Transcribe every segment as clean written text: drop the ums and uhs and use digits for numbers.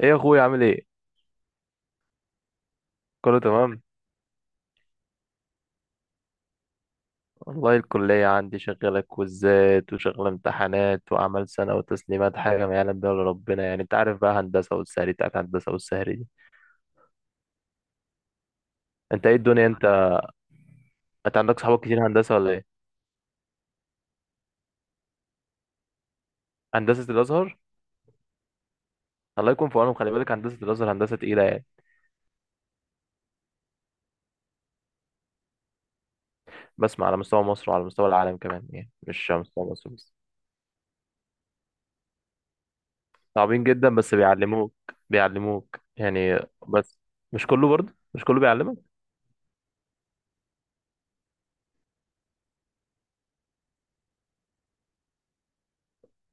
ايه يا اخويا عامل ايه؟ كله تمام. والله الكلية عندي شغالة كويزات وشغالة امتحانات وأعمال سنة وتسليمات حاجة ما يعلم بها إلا ربنا، يعني أنت عارف بقى، هندسة والسهري بتاعت هندسة والسهري دي. أنت إيه الدنيا أنت؟ أنت عندك صحابك كتير هندسة ولا إيه؟ هندسة الأزهر؟ الله يكون في عونهم، خلي بالك هندسة الأزهر هندسة تقيلة يعني. بسمع على مستوى مصر وعلى مستوى العالم كمان، يعني مش على مستوى مصر بس. صعبين جدا بس بيعلموك. بيعلموك يعني. بس مش كله، برضه مش كله بيعلمك.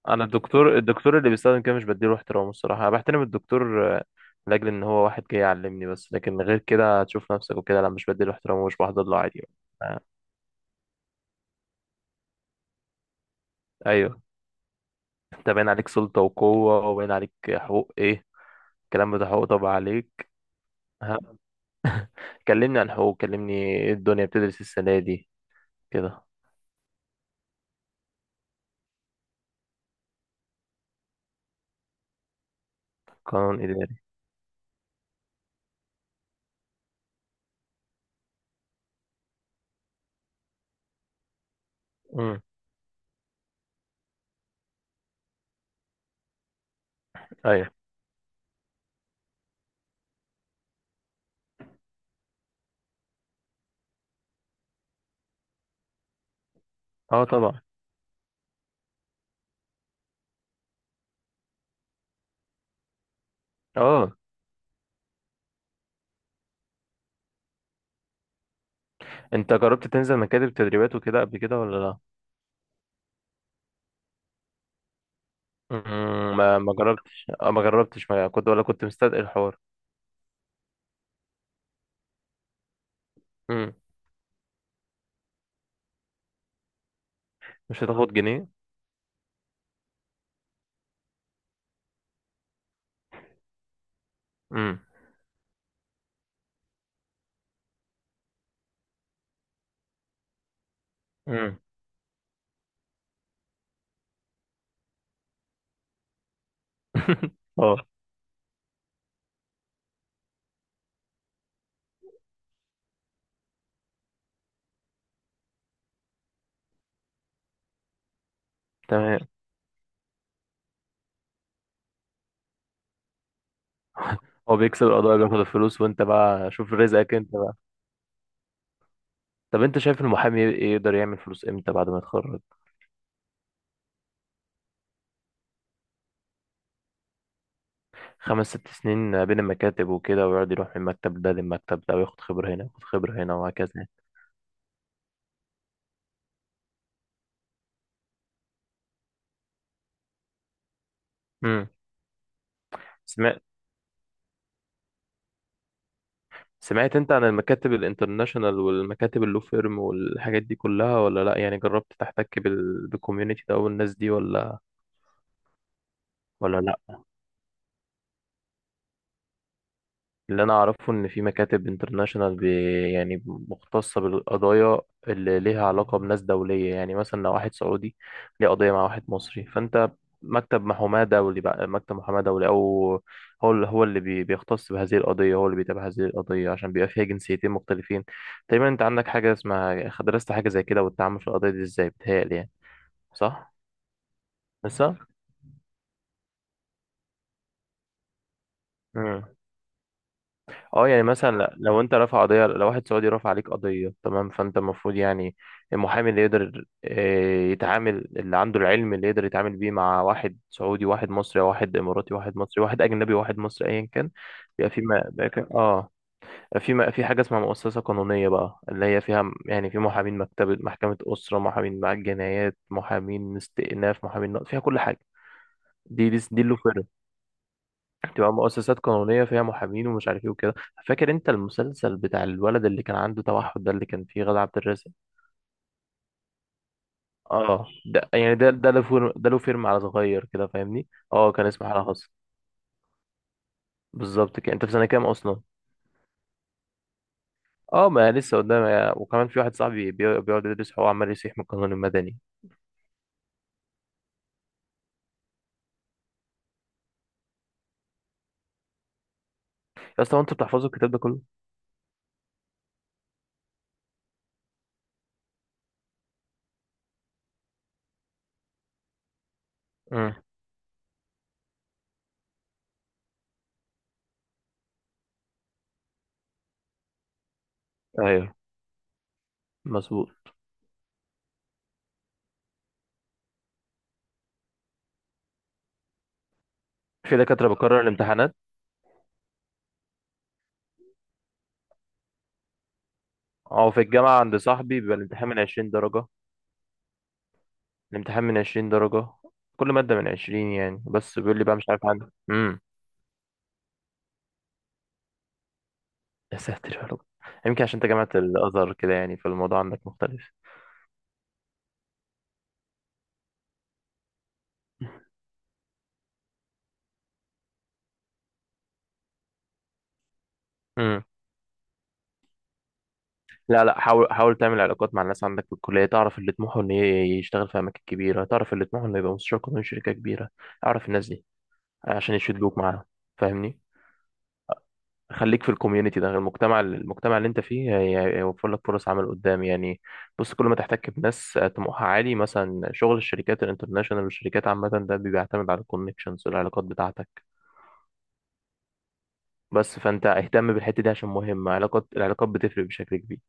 انا الدكتور اللي بيستخدم كده مش بديله احترامه، الصراحه انا بحترم الدكتور لاجل ان هو واحد جاي يعلمني بس، لكن غير كده هتشوف نفسك وكده، لا مش بديله احترامه ومش بحضر له عادي. آه. ايوه. انت باين عليك سلطه وقوه، وباين عليك حقوق ايه، الكلام ده حقوق طبعا عليك. ها. كلمني عن حقوق، كلمني. ايه الدنيا بتدرس السنه دي؟ كده. قانون اداري. امم. ايوه. اه طبعا. اه. انت جربت تنزل مكاتب تدريبات وكده قبل كده ولا لا؟ ما جربتش ما كنت، ولا كنت مستثقل الحوار؟ امم. مش هتاخد جنيه. امم. امم. اه تمام. هو بيكسب القضايا بياخد الفلوس، وانت بقى شوف رزقك انت بقى. طب انت شايف المحامي ايه يقدر يعمل فلوس امتى بعد ما يتخرج؟ خمس ست سنين بين المكاتب وكده، ويقعد يروح من المكتب ده للمكتب ده وياخد خبرة هنا وياخد خبرة هنا وهكذا. امم. سمعت سمعت انت عن المكاتب الانترناشونال والمكاتب اللو فيرم والحاجات دي كلها ولا لا؟ يعني جربت تحتك بالكوميونتي ده والناس دي ولا؟ ولا لا. اللي انا اعرفه ان في مكاتب انترناشونال يعني مختصه بالقضايا اللي ليها علاقه بناس دوليه، يعني مثلا لو واحد سعودي ليه قضيه مع واحد مصري، فانت مكتب محاماه دولي بقى، مكتب محاماه دولي، او هو اللي بيختص بهذه القضيه، هو اللي بيتابع هذه القضيه عشان بيبقى فيها جنسيتين مختلفين. تقريبا انت عندك حاجه اسمها، درست حاجه زي كده والتعامل في القضيه دي ازاي؟ بتهيألي يعني. صح. لسه. مم. اه، يعني مثلا لو انت رافع قضيه، لو واحد سعودي رافع عليك قضيه، تمام، فانت المفروض يعني المحامي اللي يقدر يتعامل، اللي عنده العلم اللي يقدر يتعامل بيه مع واحد سعودي واحد مصري، واحد اماراتي واحد مصري، واحد اجنبي واحد مصري، ايا كان. بيبقى في ما بيبقى في- اه في ما في حاجه اسمها مؤسسه قانونيه بقى، اللي هي فيها يعني في محامين مكتبه، محكمه اسره، محامين مع الجنايات، محامين استئناف، محامين نقض، فيها كل حاجه. دي اللي تبقى مؤسسات قانونية فيها محامين ومش عارف ايه وكده. فاكر انت المسلسل بتاع الولد اللي كان عنده توحد ده، اللي كان فيه غادة عبد الرازق؟ اه ده، يعني ده له فيلم، على صغير كده، فاهمني؟ اه كان اسمه حالة خاصة. بالظبط كده. انت في سنة كام اصلا؟ اه، ما لسه قدامي. وكمان في واحد صاحبي بيقعد يدرس، هو عمال يسيح من القانون المدني. يا اسطى، هو انتوا بتحفظوا الكتاب ده كله؟ امم. ايوه مظبوط. في دكاترة بتكرر الامتحانات. اه في الجامعة عند صاحبي بيبقى الامتحان من 20 درجة، الامتحان من عشرين درجة، كل مادة من عشرين يعني، بس بيقول لي بقى، مش عارف عندك يا ساتر يا رب. يمكن عشان انت جامعة الأزهر كده يعني، فالموضوع عندك مختلف. امم. لا لا، حاول حاول تعمل علاقات مع الناس عندك في الكلية، تعرف اللي طموحه إن يشتغل في أماكن كبيرة، تعرف اللي طموحه إنه يبقى مستشار قانوني في شركة كبيرة، أعرف الناس دي عشان يشدوك معاهم، فاهمني؟ خليك في الكوميونتي ده، المجتمع اللي انت فيه هيوفر لك فرص عمل قدام يعني. بص، كل ما تحتك بناس طموحها عالي، مثلا شغل الشركات الانترناشونال والشركات عامة، ده بيعتمد على الكونكشنز والعلاقات بتاعتك. بس فانت اهتم بالحتة دي عشان مهمة، العلاقات بتفرق بشكل كبير.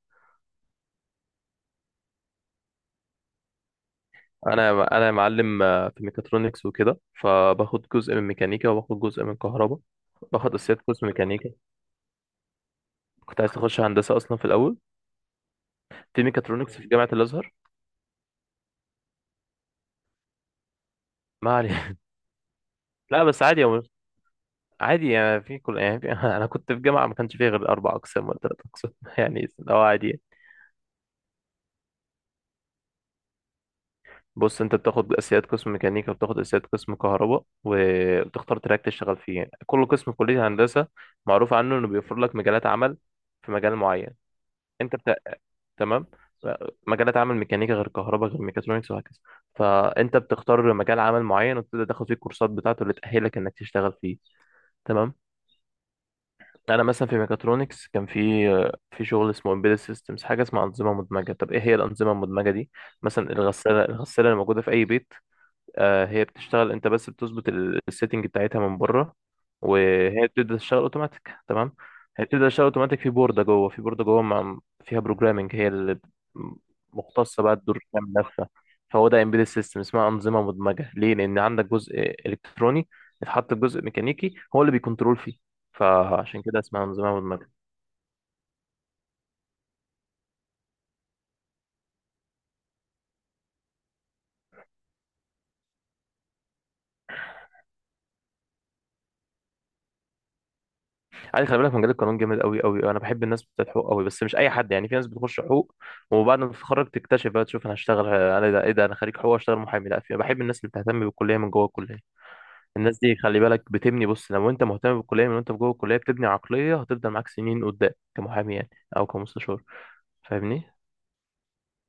انا معلم في ميكاترونكس وكده، فباخد جزء من ميكانيكا وباخد جزء من كهرباء. باخد اساسيات قسم ميكانيكا. كنت عايز اخش هندسة اصلا في الاول، في ميكاترونكس في جامعة الازهر. ما علينا. لا بس عادي، عادي يعني، في كل يعني انا كنت في جامعه ما كانش فيها غير اربع اقسام ولا ثلاث اقسام يعني لو عادي يعني. بص، انت بتاخد اساسيات قسم ميكانيكا وبتاخد اساسيات قسم كهرباء، وبتختار تراك تشتغل فيه. يعني كل قسم في كليه هندسه معروف عنه انه بيوفر لك مجالات عمل في مجال معين. انت بت... تمام؟ ف- مجالات عمل ميكانيكا غير كهرباء غير ميكاترونكس وهكذا، فانت بتختار مجال عمل معين، وتبدا تاخد فيه الكورسات بتاعته اللي تاهلك انك تشتغل فيه. تمام. انا مثلا في ميكاترونكس كان في شغل اسمه امبيدد سيستمز، حاجه اسمها انظمه مدمجه. طب ايه هي الانظمه المدمجه دي؟ مثلا الغساله اللي موجوده في اي بيت، هي بتشتغل، انت بس بتظبط السيتنج بتاعتها من بره، وهي بتبدا تشتغل اوتوماتيك، تمام؟ هي بتبدا تشتغل اوتوماتيك، في بورده جوه في بورده جوه فيها بروجرامنج، هي اللي مختصه بقى تدور تعمل نفسها. فهو ده امبيدد سيستم، اسمها انظمه مدمجه ليه؟ لان عندك جزء الكتروني اتحط جزء ميكانيكي هو اللي بيكنترول فيه، فعشان كده اسمها انظمه مدمجه. عادي، خلي بالك مجال القانون جامد قوي قوي، انا بحب الناس بتاعت حقوق قوي، بس مش اي حد يعني. في ناس بتخش حقوق وبعد ما تتخرج تكتشف بقى، تشوف انا هشتغل انا، إيه ده، ايه ده، انا خريج حقوق اشتغل محامي، لا. في بحب الناس اللي بتهتم بالكليه من جوه الكليه، الناس دي خلي بالك بتبني. بص، لو انت مهتم بالكليه من وانت في جوه الكليه، بتبني عقليه هتفضل معاك سنين قدام كمحامي يعني، او كمستشار، فاهمني؟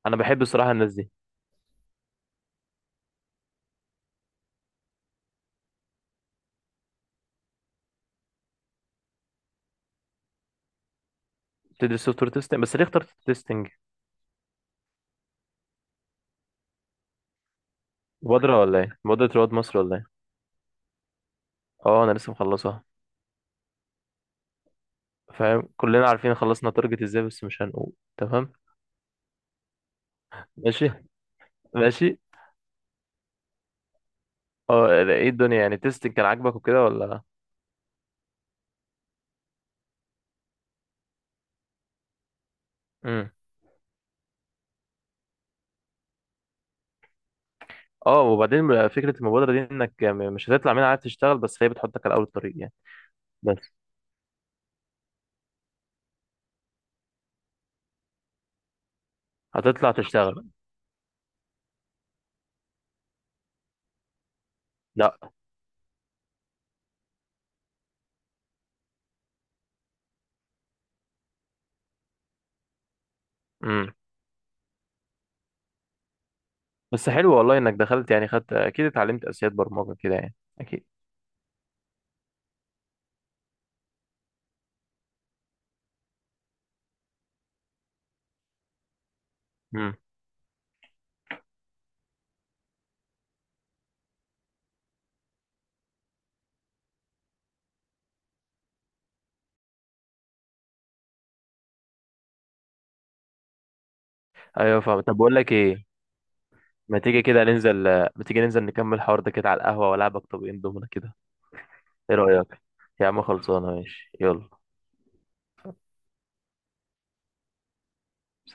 انا بحب الصراحه الناس دي. بتدرس سوفت وير تيستنج؟ بس ليه اخترت تيستنج؟ مبادره ولا ايه؟ مبادره رواد مصر ولا ايه؟ اه انا لسه مخلصها. فاهم، كلنا عارفين خلصنا تارجت ازاي بس مش هنقول. تمام. ماشي ماشي. اه، ايه الدنيا يعني، تيستنج كان عاجبك وكده ولا؟ امم. اه. وبعدين فكرة المبادرة دي انك مش هتطلع منها عايز تشتغل، بس هي بتحطك على اول الطريق يعني. بس. هتطلع تشتغل. لا. امم. بس حلو والله انك دخلت، يعني خدت اكيد، اتعلمت اساسيات برمجة كده يعني اكيد. امم. ايوه، فاهم. طب بقول لك ايه، ما تيجي كده ننزل، ما تيجي ننزل نكمل الحوار ده كده على القهوة، والعبك طبقين دومنا كده، ايه رأيك؟ يا عم خلصانة، ماشي يلا. سلام.